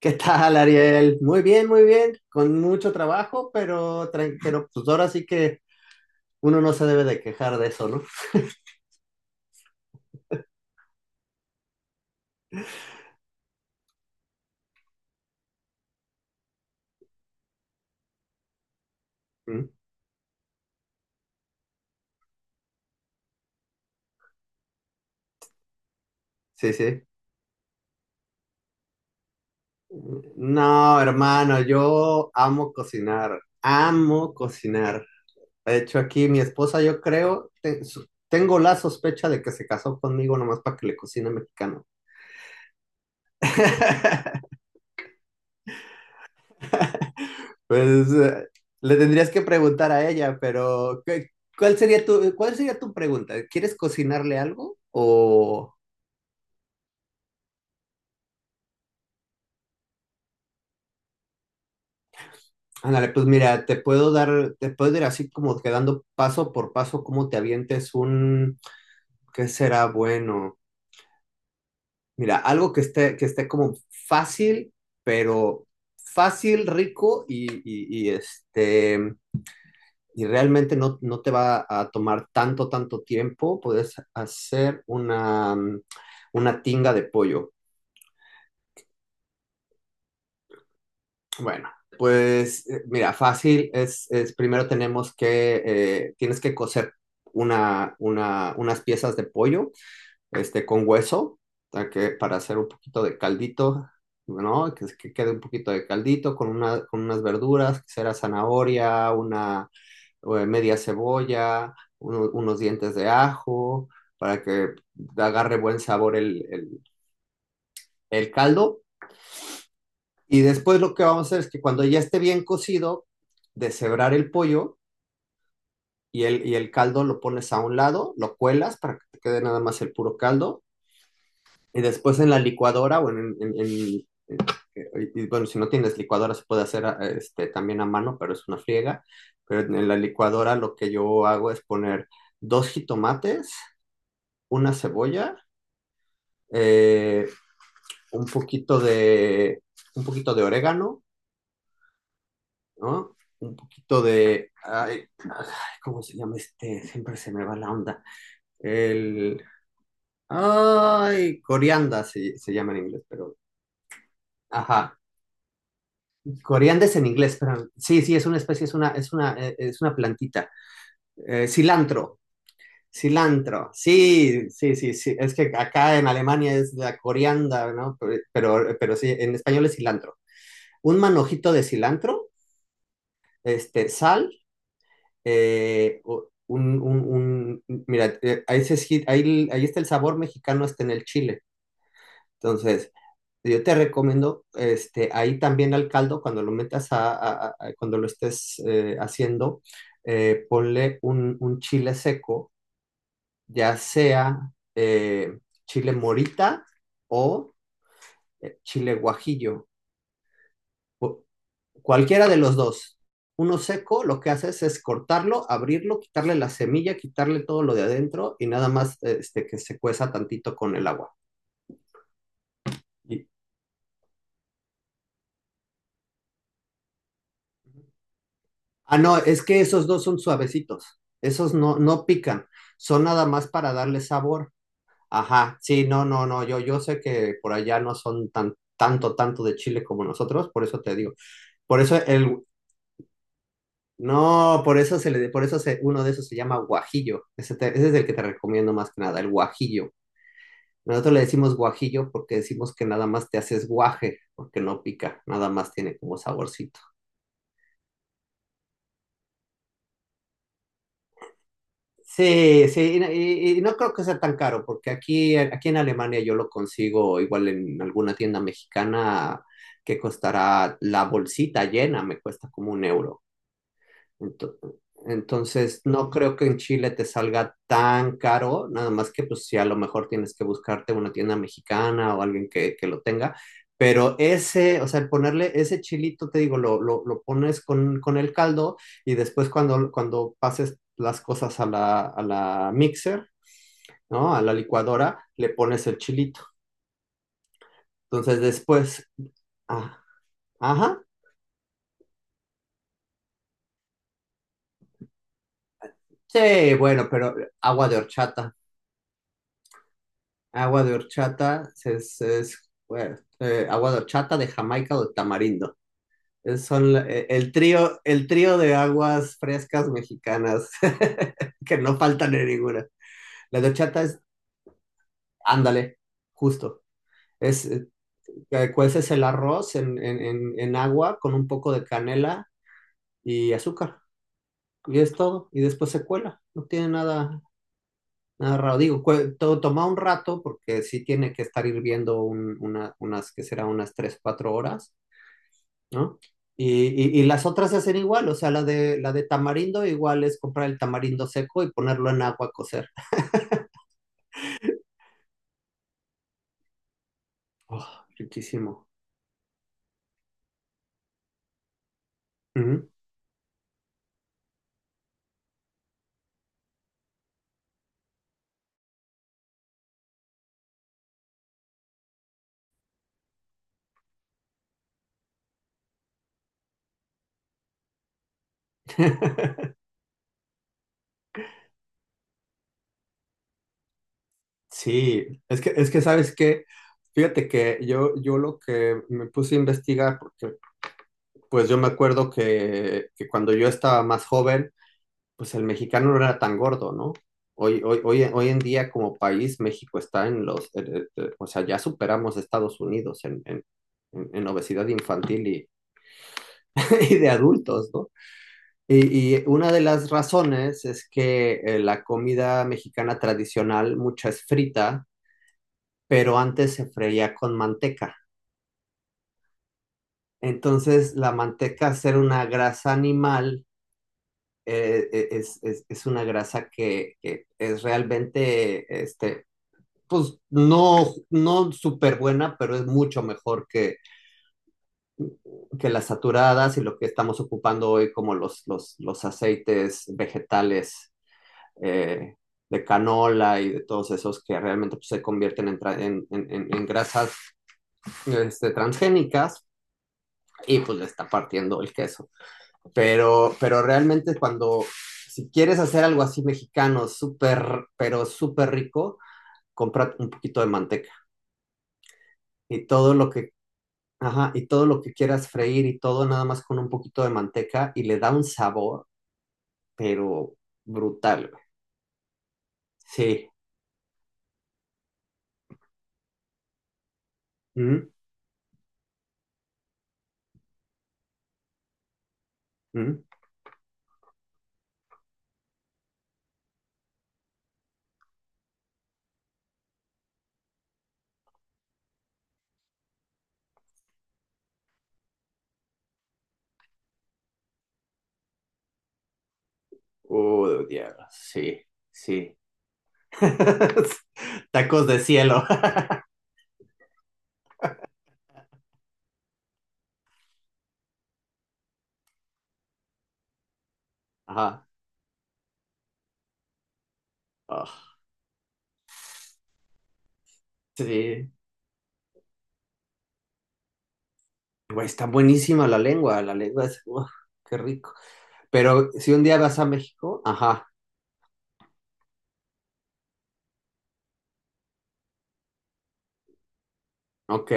¿Qué tal, Ariel? Muy bien, con mucho trabajo, pero pues ahora sí que uno no se debe de quejar de eso, ¿no? Mm. Sí, sí. No, hermano, yo amo cocinar, amo cocinar. De hecho, aquí mi esposa, yo creo, tengo la sospecha de que se casó conmigo nomás para que le cocine mexicano. Pues le tendrías que preguntar a ella, pero ¿cuál sería tu pregunta? ¿Quieres cocinarle algo o...? Ándale, pues mira, te puedo ir así como quedando paso por paso cómo te avientes ¿qué será bueno? Mira, algo que esté como fácil, pero fácil, rico y realmente no te va a tomar tanto, tanto tiempo. Puedes hacer una tinga de pollo. Bueno, pues mira, fácil es primero tienes que coser unas piezas de pollo, con hueso, para hacer un poquito de caldito, ¿no? Que quede un poquito de caldito con unas verduras, que será zanahoria, una media cebolla, unos dientes de ajo, para que agarre buen sabor el caldo. Y después lo que vamos a hacer es que cuando ya esté bien cocido, deshebrar el pollo y el caldo lo pones a un lado, lo cuelas para que te quede nada más el puro caldo. Y después en la licuadora o y, bueno, si no tienes licuadora se puede hacer también a mano, pero es una friega. Pero en la licuadora lo que yo hago es poner dos jitomates, una cebolla, eh, un poquito de, un poquito de orégano, ¿no? Un poquito de, ay, ay, ¿cómo se llama este? Siempre se me va la onda. El, ay, corianda se llama en inglés, pero, ajá. Corianda es en inglés, pero sí, sí, es una especie, es una plantita. Cilantro, cilantro, sí, sí, sí, sí. Es que acá en Alemania es la corianda, ¿no? Pero sí, en español es cilantro. Un manojito de cilantro, sal, mira, ahí, se esgi- ahí, ahí está el sabor mexicano, está en el chile. Entonces, yo te recomiendo, ahí también al caldo, cuando lo metas cuando lo estés haciendo, ponle un chile seco, ya sea eh, chile morita o chile guajillo. Cualquiera de los dos. Uno seco, lo que haces es cortarlo, abrirlo, quitarle la semilla, quitarle todo lo de adentro y nada más que se cueza tantito con el agua. Y- ah, no, es que esos dos son suavecitos. Esos no pican. Son nada más para darle sabor. Ajá, sí, no, no, no. Yo sé que por allá no son tanto de chile como nosotros, por eso te digo. Por eso el, no, por eso se le, por eso se, uno de esos se llama guajillo. Ese es el que te recomiendo más que nada, el guajillo. Nosotros le decimos guajillo porque decimos que nada más te haces guaje, porque no pica, nada más tiene como saborcito. Sí, sí, y no creo que sea tan caro, porque aquí en Alemania yo lo consigo igual en alguna tienda mexicana que costará la bolsita llena, me cuesta como un euro. Ento- Entonces, no creo que en Chile te salga tan caro, nada más que pues si a lo mejor tienes que buscarte una tienda mexicana o alguien que lo tenga, pero ese, o sea, el ponerle ese chilito, te digo, lo pones con el caldo y después cuando pases las cosas a la mixer, ¿no? A la licuadora, le pones el chilito. Entonces, después, ah, ajá, sí, bueno, pero agua de horchata. Agua de horchata agua de horchata de Jamaica o de tamarindo. Es- son la- el trío de aguas frescas mexicanas que no faltan en ninguna. La de horchata es, ándale, justo. Es, eh, Cueces el arroz en agua con un poco de canela y azúcar. Y es todo. Y después se cuela. No tiene nada. Narrado, digo, toma un rato porque sí tiene que estar hirviendo que será unas 3 4 horas, ¿no? Y, y las otras se hacen igual, o sea, la de tamarindo igual es comprar el tamarindo seco y ponerlo en agua a cocer. Oh, riquísimo. Ujú. Sí, es que, sabes que, fíjate que yo lo que me puse a investigar, porque pues yo me acuerdo que cuando yo estaba más joven, pues el mexicano no era tan gordo, ¿no? Hoy en día como país México está o sea, ya superamos a Estados Unidos en obesidad infantil y de adultos, ¿no? Y una de las razones es que la comida mexicana tradicional, mucha es frita, pero antes se freía con manteca. Entonces, la manteca, al ser una grasa animal, es una grasa que es realmente pues no súper buena, pero es mucho mejor que las saturadas y lo que estamos ocupando hoy como los aceites vegetales eh, de canola y de todos esos que realmente pues, se convierten en, tra- en grasas transgénicas y pues le está partiendo el queso. Pero realmente cuando, si quieres hacer algo así mexicano, súper, pero súper rico, compra un poquito de manteca. Y todo lo que Ajá, y todo lo que quieras freír y todo, nada más con un poquito de manteca y le da un sabor, pero brutal, güey. Sí. ¿Mm? ¿Mm? Oh, diablo. Sí, sí. Tacos de cielo. Ajá. Ah, sí. Güey, está buenísima la lengua es, uf, qué rico. Pero si un día vas a México, ajá, ok.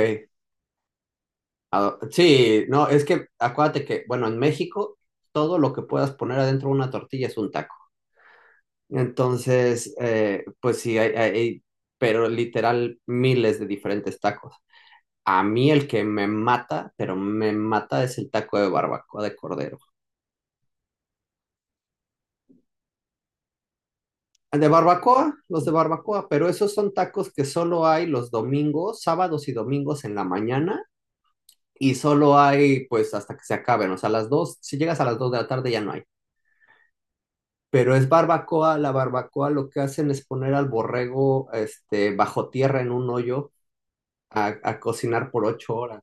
Ah, sí, no, es que acuérdate que, bueno, en México todo lo que puedas poner adentro de una tortilla es un taco. Entonces, pues sí, pero literal miles de diferentes tacos. A mí el que me mata, pero me mata es el taco de barbacoa de cordero. De barbacoa, los de barbacoa, pero esos son tacos que solo hay los domingos, sábados y domingos en la mañana y solo hay pues hasta que se acaben, o sea, a las 2, si llegas a las 2 de la tarde ya no hay. Pero es barbacoa, la barbacoa lo que hacen es poner al borrego este, bajo tierra en un hoyo a cocinar por 8 horas.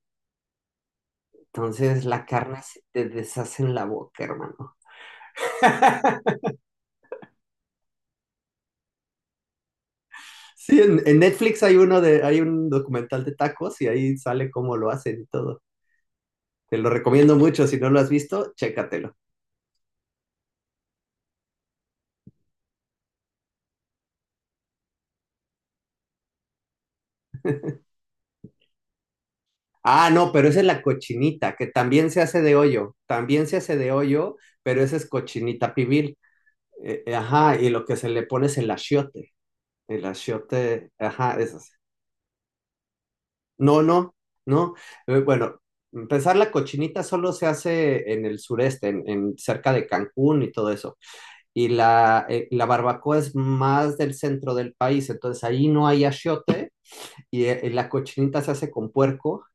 Entonces la carne se te deshace en la boca, hermano. Sí, en Netflix hay uno de, hay un documental de tacos y ahí sale cómo lo hacen y todo. Te lo recomiendo mucho, si no lo has visto, chécatelo. Ah, no, pero esa es la cochinita, que también se hace de hoyo, también se hace de hoyo, pero esa es cochinita pibil. Ajá, y lo que se le pone es el achiote, ajá, eso es. No, no, no. Bueno, empezar la cochinita solo se hace en el sureste, en cerca de Cancún y todo eso. Y la, la barbacoa es más del centro del país, entonces ahí no hay achiote y la cochinita se hace con puerco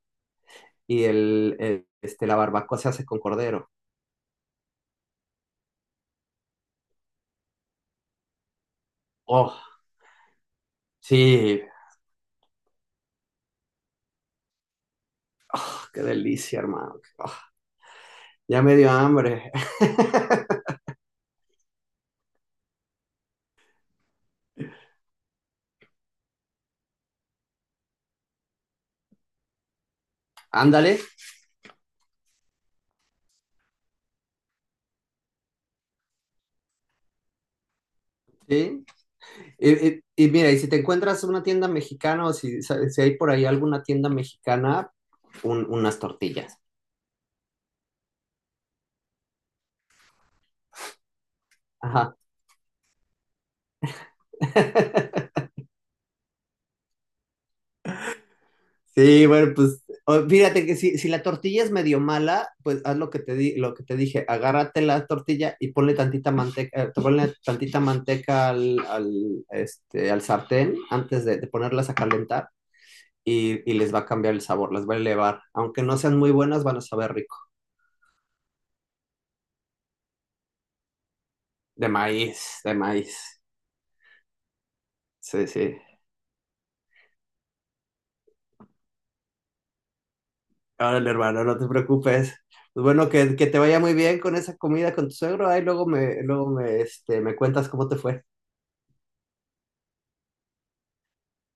y la barbacoa se hace con cordero. Oh, sí, qué delicia, hermano. Oh, ya me dio hambre. Ándale, sí. Y mira, y si te encuentras una tienda mexicana o si hay por ahí alguna tienda mexicana, unas tortillas. Ajá. Sí, bueno, pues fíjate que si la tortilla es medio mala, pues haz lo que te di, lo que te dije, agárrate la tortilla y ponle tantita manteca al sartén antes de ponerlas a calentar y les va a cambiar el sabor, las va a elevar. Aunque no sean muy buenas, van a saber rico. De maíz, de maíz. Sí, sí. Órale, hermano, no te preocupes. Pues bueno, que te vaya muy bien con esa comida con tu suegro. Ahí me cuentas cómo te fue.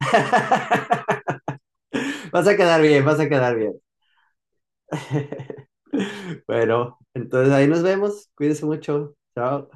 Vas a quedar bien, vas a quedar bien. Bueno, entonces ahí nos vemos. Cuídense mucho. Chao.